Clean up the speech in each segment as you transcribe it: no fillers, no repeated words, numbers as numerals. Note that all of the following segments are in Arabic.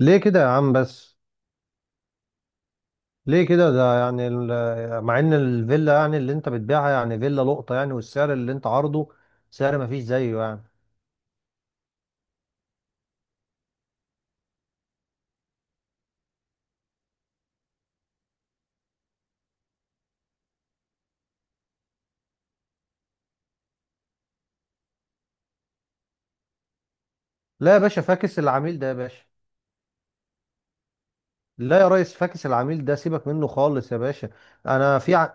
ليه كده يا عم بس. ليه كده؟ ده يعني مع ان الفيلا يعني اللي انت بتبيعها يعني فيلا لقطة يعني، والسعر اللي انت عارضه سعر ما فيش زيه يعني. لا يا باشا، فاكس العميل ده يا باشا. لا يا ريس، فاكس العميل ده، سيبك منه خالص يا باشا. انا في ع...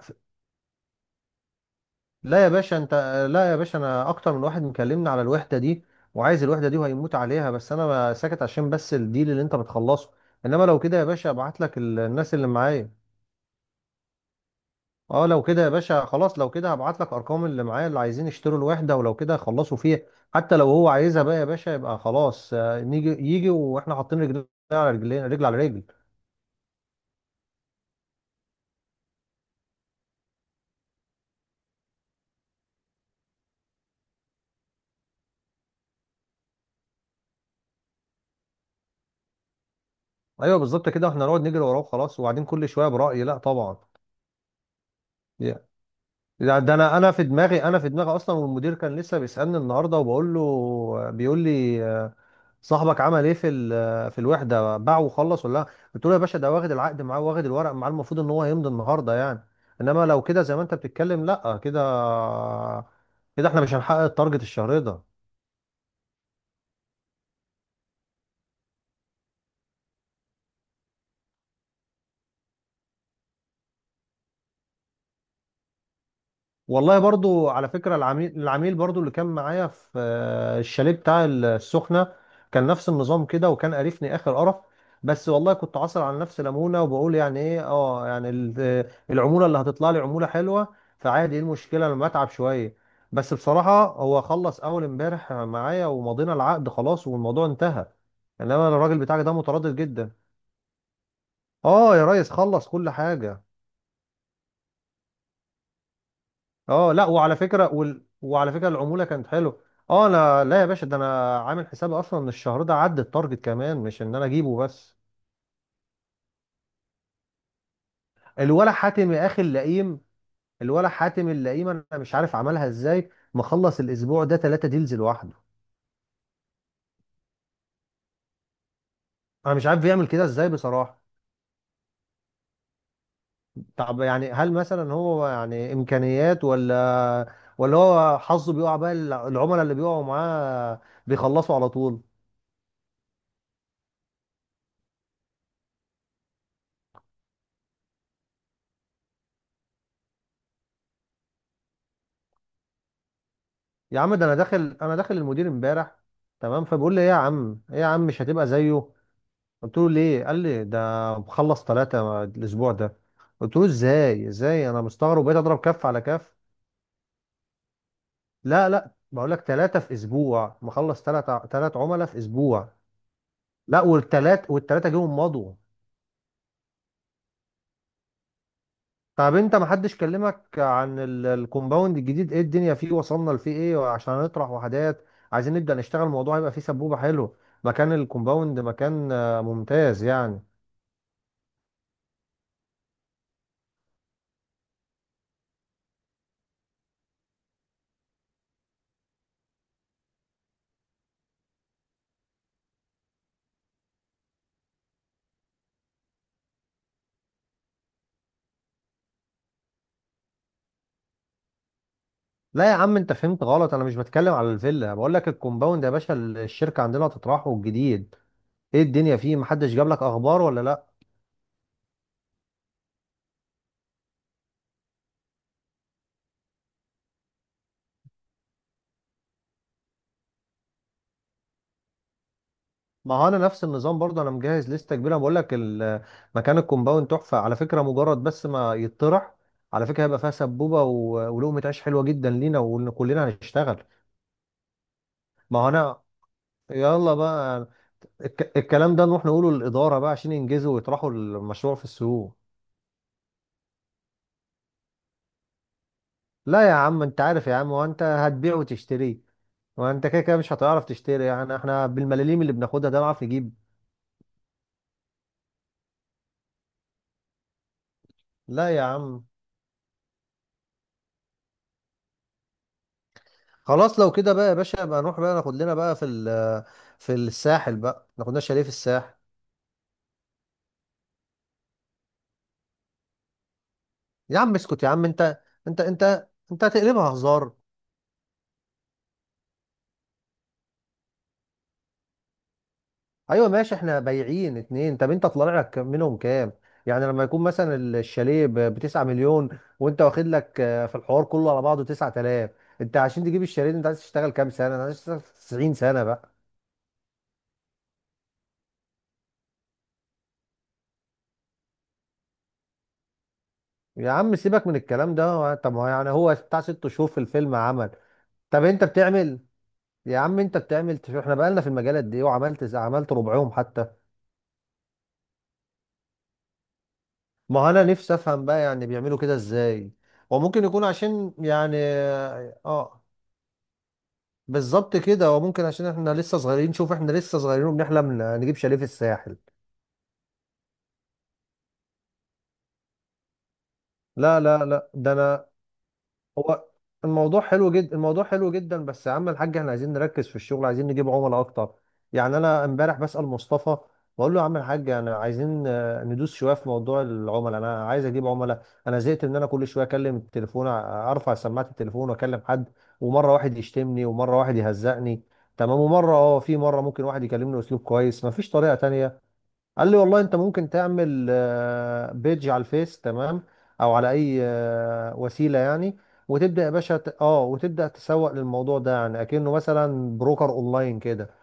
لا يا باشا انت. لا يا باشا، انا اكتر من واحد مكلمني على الوحدة دي وعايز الوحدة دي وهيموت عليها، بس انا ساكت عشان بس الديل اللي انت بتخلصه. انما لو كده يا باشا، ابعت لك الناس اللي معايا. اه، لو كده يا باشا خلاص، لو كده هبعت لك ارقام اللي معايا اللي عايزين يشتروا الوحده، ولو كده خلصوا فيها. حتى لو هو عايزها بقى يا باشا يبقى خلاص، نيجي يجي واحنا حاطين رجلنا على رجلين، رجل على رجل. ايوه بالظبط كده، احنا نقعد نجري وراه، خلاص، وبعدين كل شويه، برايي لا طبعا. يا- ده انا في دماغي، انا في دماغي اصلا، والمدير كان لسه بيسالني النهارده وبقول له، بيقول لي صاحبك عمل ايه في في الوحده، باعه وخلص ولا لا؟ قلت له يا باشا ده واخد العقد معاه واخد الورق معاه، المفروض ان هو يمضي النهارده يعني. انما لو كده زي ما انت بتتكلم، لا كده، كده احنا مش هنحقق التارجت الشهري ده. والله برضو، على فكرة، العميل برضو اللي كان معايا في الشاليه بتاع السخنة كان نفس النظام كده، وكان قرفني آخر قرف. بس والله كنت عاصر على نفسي ليمونة وبقول يعني ايه، اه، يعني العمولة اللي هتطلع لي عمولة حلوة، فعادي ايه المشكلة لما اتعب شوية. بس بصراحة هو خلص أول امبارح معايا ومضينا العقد خلاص، والموضوع انتهى. انما الراجل بتاعك ده متردد جدا. اه يا ريس، خلص كل حاجة. اه لا، وعلى فكره وعلى فكره العموله كانت حلوه. اه انا، لا يا باشا، ده انا عامل حسابي اصلا ان الشهر ده عدى التارجت كمان، مش ان انا اجيبه بس. الولا حاتم يا اخي اللئيم، الولا حاتم اللئيم، انا مش عارف عملها ازاي، مخلص الاسبوع ده 3 ديلز لوحده. انا مش عارف بيعمل كده ازاي بصراحه. طب يعني هل مثلا هو يعني امكانيات ولا هو حظه بيقع بقى؟ العملاء اللي بيقعوا معاه بيخلصوا على طول. يا عم، ده انا داخل المدير امبارح، تمام، فبيقول لي ايه يا عم، ايه يا عم مش هتبقى زيه؟ قلت له ليه؟ قال لي ده مخلص ثلاثة الاسبوع ده. قلت له ازاي؟ انا مستغرب، بقيت اضرب كف على كف. لا لا، بقول لك 3 في اسبوع، مخلص 3 عملاء في اسبوع. لا، والثلاثة جيهم مضوا. طب انت محدش كلمك عن الكومباوند الجديد؟ ايه الدنيا فيه، وصلنا لفيه ايه؟ وعشان نطرح وحدات، عايزين نبدأ نشتغل، الموضوع هيبقى فيه سبوبة حلو. مكان الكومباوند مكان ممتاز يعني. لا يا عم انت فهمت غلط، انا مش بتكلم على الفيلا، بقول لك الكومباوند يا باشا، الشركة عندنا هتطرحه الجديد، ايه الدنيا فيه، محدش جاب لك اخبار ولا لا؟ ما هو انا نفس النظام برضه، انا مجهز لسته كبيره، بقول لك مكان الكومباوند تحفه على فكره، مجرد بس ما يتطرح، على فكره هيبقى فيها سبوبه ولقمه عيش حلوه جدا لينا، وان كلنا هنشتغل. ما هو انا، يلا بقى، الكلام ده نروح نقوله للاداره بقى عشان ينجزوا ويطرحوا المشروع في السوق. لا يا عم انت عارف يا عم، وانت هتبيع وتشتري، وانت كده كده مش هتعرف تشتري يعني، احنا بالملاليم اللي بناخدها ده نعرف نجيب؟ لا يا عم، خلاص لو كده بقى يا باشا، بقى نروح بقى ناخد لنا بقى في في الساحل بقى، ناخد لنا شاليه في الساحل. يا عم اسكت يا عم، انت انت هتقلبها هزار. ايوه ماشي، احنا بايعين اتنين. طب انت طلع لك منهم كام؟ يعني لما يكون مثلا الشاليه ب 9 مليون، وانت واخد لك في الحوار كله على بعضه 9000، انت عشان تجيب الشاليه ده انت عايز تشتغل كام سنه؟ انا عايز اشتغل 90 سنه بقى؟ يا عم سيبك من الكلام ده، طب ما هو يعني هو بتاع 6 شهور في الفيلم عمل. طب انت بتعمل؟ يا عم انت بتعمل احنا بقالنا في المجالات دي، وعملت عملت ربعهم حتى. ما انا نفسي افهم بقى يعني بيعملوا كده ازاي، وممكن يكون عشان يعني بالظبط كده، وممكن عشان احنا لسه صغيرين، شوف احنا لسه صغيرين وبنحلم نجيب شاليه في الساحل. لا لا لا، ده انا. هو الموضوع حلو جدا، الموضوع حلو جدا، بس يا عم الحاج، احنا عايزين نركز في الشغل، عايزين نجيب عملاء اكتر. يعني انا امبارح بسأل مصطفى، بقول له يا عم الحاج، انا عايزين ندوس شويه في موضوع العملاء، انا عايز اجيب عملاء، انا زهقت ان انا كل شويه اكلم التليفون، ارفع سماعه التليفون واكلم حد، ومره واحد يشتمني ومره واحد يهزقني، تمام، ومره اه في مره ممكن واحد يكلمني اسلوب كويس. مفيش طريقه تانية؟ قال لي والله انت ممكن تعمل بيج على الفيس، تمام، او على اي وسيله يعني، وتبدا يا باشا وتبدا تسوق للموضوع ده، يعني اكنه مثلا بروكر اونلاين كده.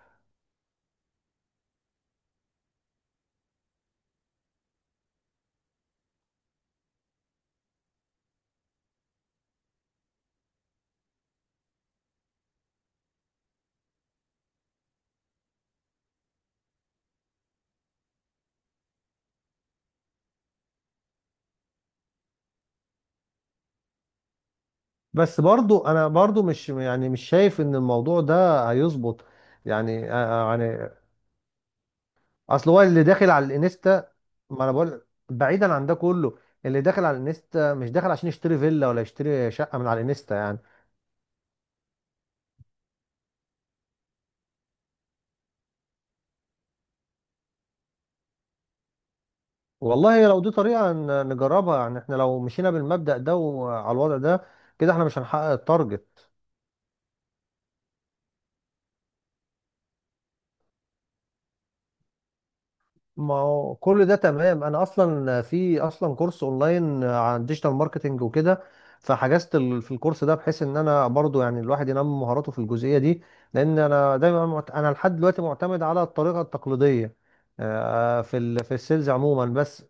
بس برضو انا برضو مش يعني مش شايف ان الموضوع ده هيظبط يعني. يعني اصل هو اللي داخل على الانستا، ما انا بقول، بعيدا عن ده كله، اللي داخل على الانستا مش داخل عشان يشتري فيلا ولا يشتري شقه من على الانستا يعني. والله لو دي طريقة نجربها، يعني احنا لو مشينا بالمبدأ ده وعلى الوضع ده، كده احنا مش هنحقق التارجت. ما هو كل ده تمام، انا اصلا في اصلا كورس اونلاين عن ديجيتال ماركتنج وكده، فحجزت في الكورس ده، بحيث ان انا برضو يعني الواحد ينمي مهاراته في الجزئية دي، لان انا دايما انا لحد دلوقتي معتمد على الطريقة التقليدية، في في السيلز عموما بس.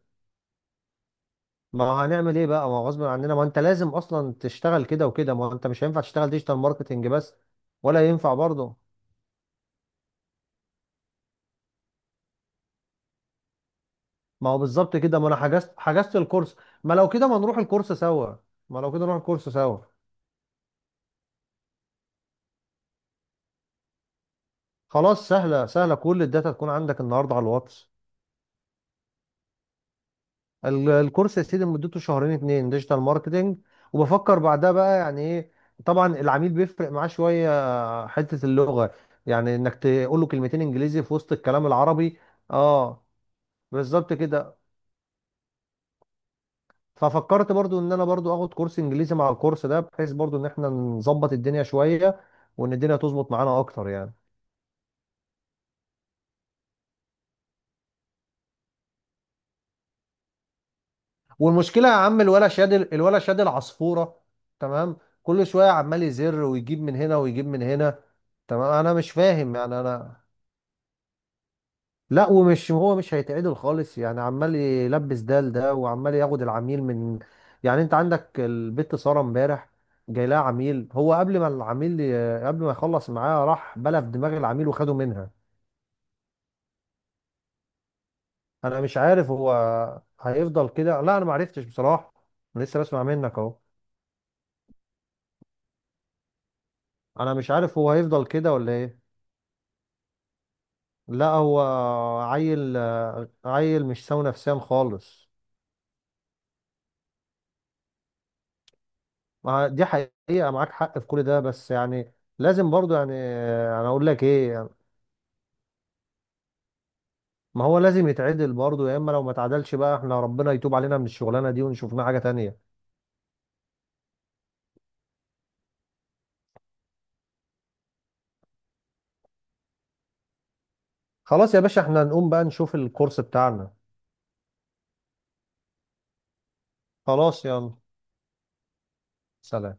ما هو هنعمل ايه بقى؟ ما هو غصب عننا، ما انت لازم اصلا تشتغل كده وكده، ما هو انت مش هينفع تشتغل ديجيتال ماركتنج بس، ولا ينفع برضه. ما هو بالظبط كده، ما انا حجزت الكورس. ما لو كده ما نروح الكورس سوا؟ ما لو كده نروح الكورس سوا. خلاص، سهله سهله، كل الداتا تكون عندك النهارده على الواتس. الكورس يا سيدي مدته شهرين اتنين ديجيتال ماركتنج، وبفكر بعدها بقى يعني ايه، طبعا العميل بيفرق معاه شويه حته اللغه، يعني انك تقول له كلمتين انجليزي في وسط الكلام العربي. اه، بالظبط كده، ففكرت برضو ان انا برضو اخد كورس انجليزي مع الكورس ده، بحيث برضو ان احنا نظبط الدنيا شوية، وان الدنيا تظبط معانا اكتر يعني. والمشكلة يا عم، الولا شاد، الولا شاد العصفورة، تمام، كل شوية عمال يزر، ويجيب من هنا ويجيب من هنا، تمام، انا مش فاهم يعني انا. لا، ومش هو مش هيتعدل خالص يعني، عمال يلبس ده لده، وعمال ياخد العميل من، يعني انت عندك البت سارة امبارح، جاي لها عميل، هو قبل ما العميل قبل ما يخلص معاه راح بلف دماغ العميل وخده منها. انا مش عارف هو هيفضل كده، لا انا ما عرفتش بصراحه، أنا لسه بسمع منك اهو. انا مش عارف هو هيفضل كده ولا ايه. لا هو عيل، عيل مش سوي نفسيا خالص. ما دي حقيقه، معاك حق في كل ده، بس يعني لازم برضو يعني. انا اقول لك ايه، ما هو لازم يتعدل برضو، يا اما لو ما اتعدلش بقى احنا ربنا يتوب علينا من الشغلانه دي، ونشوف لنا حاجه تانية. خلاص يا باشا، احنا نقوم بقى نشوف الكورس بتاعنا. خلاص يلا سلام.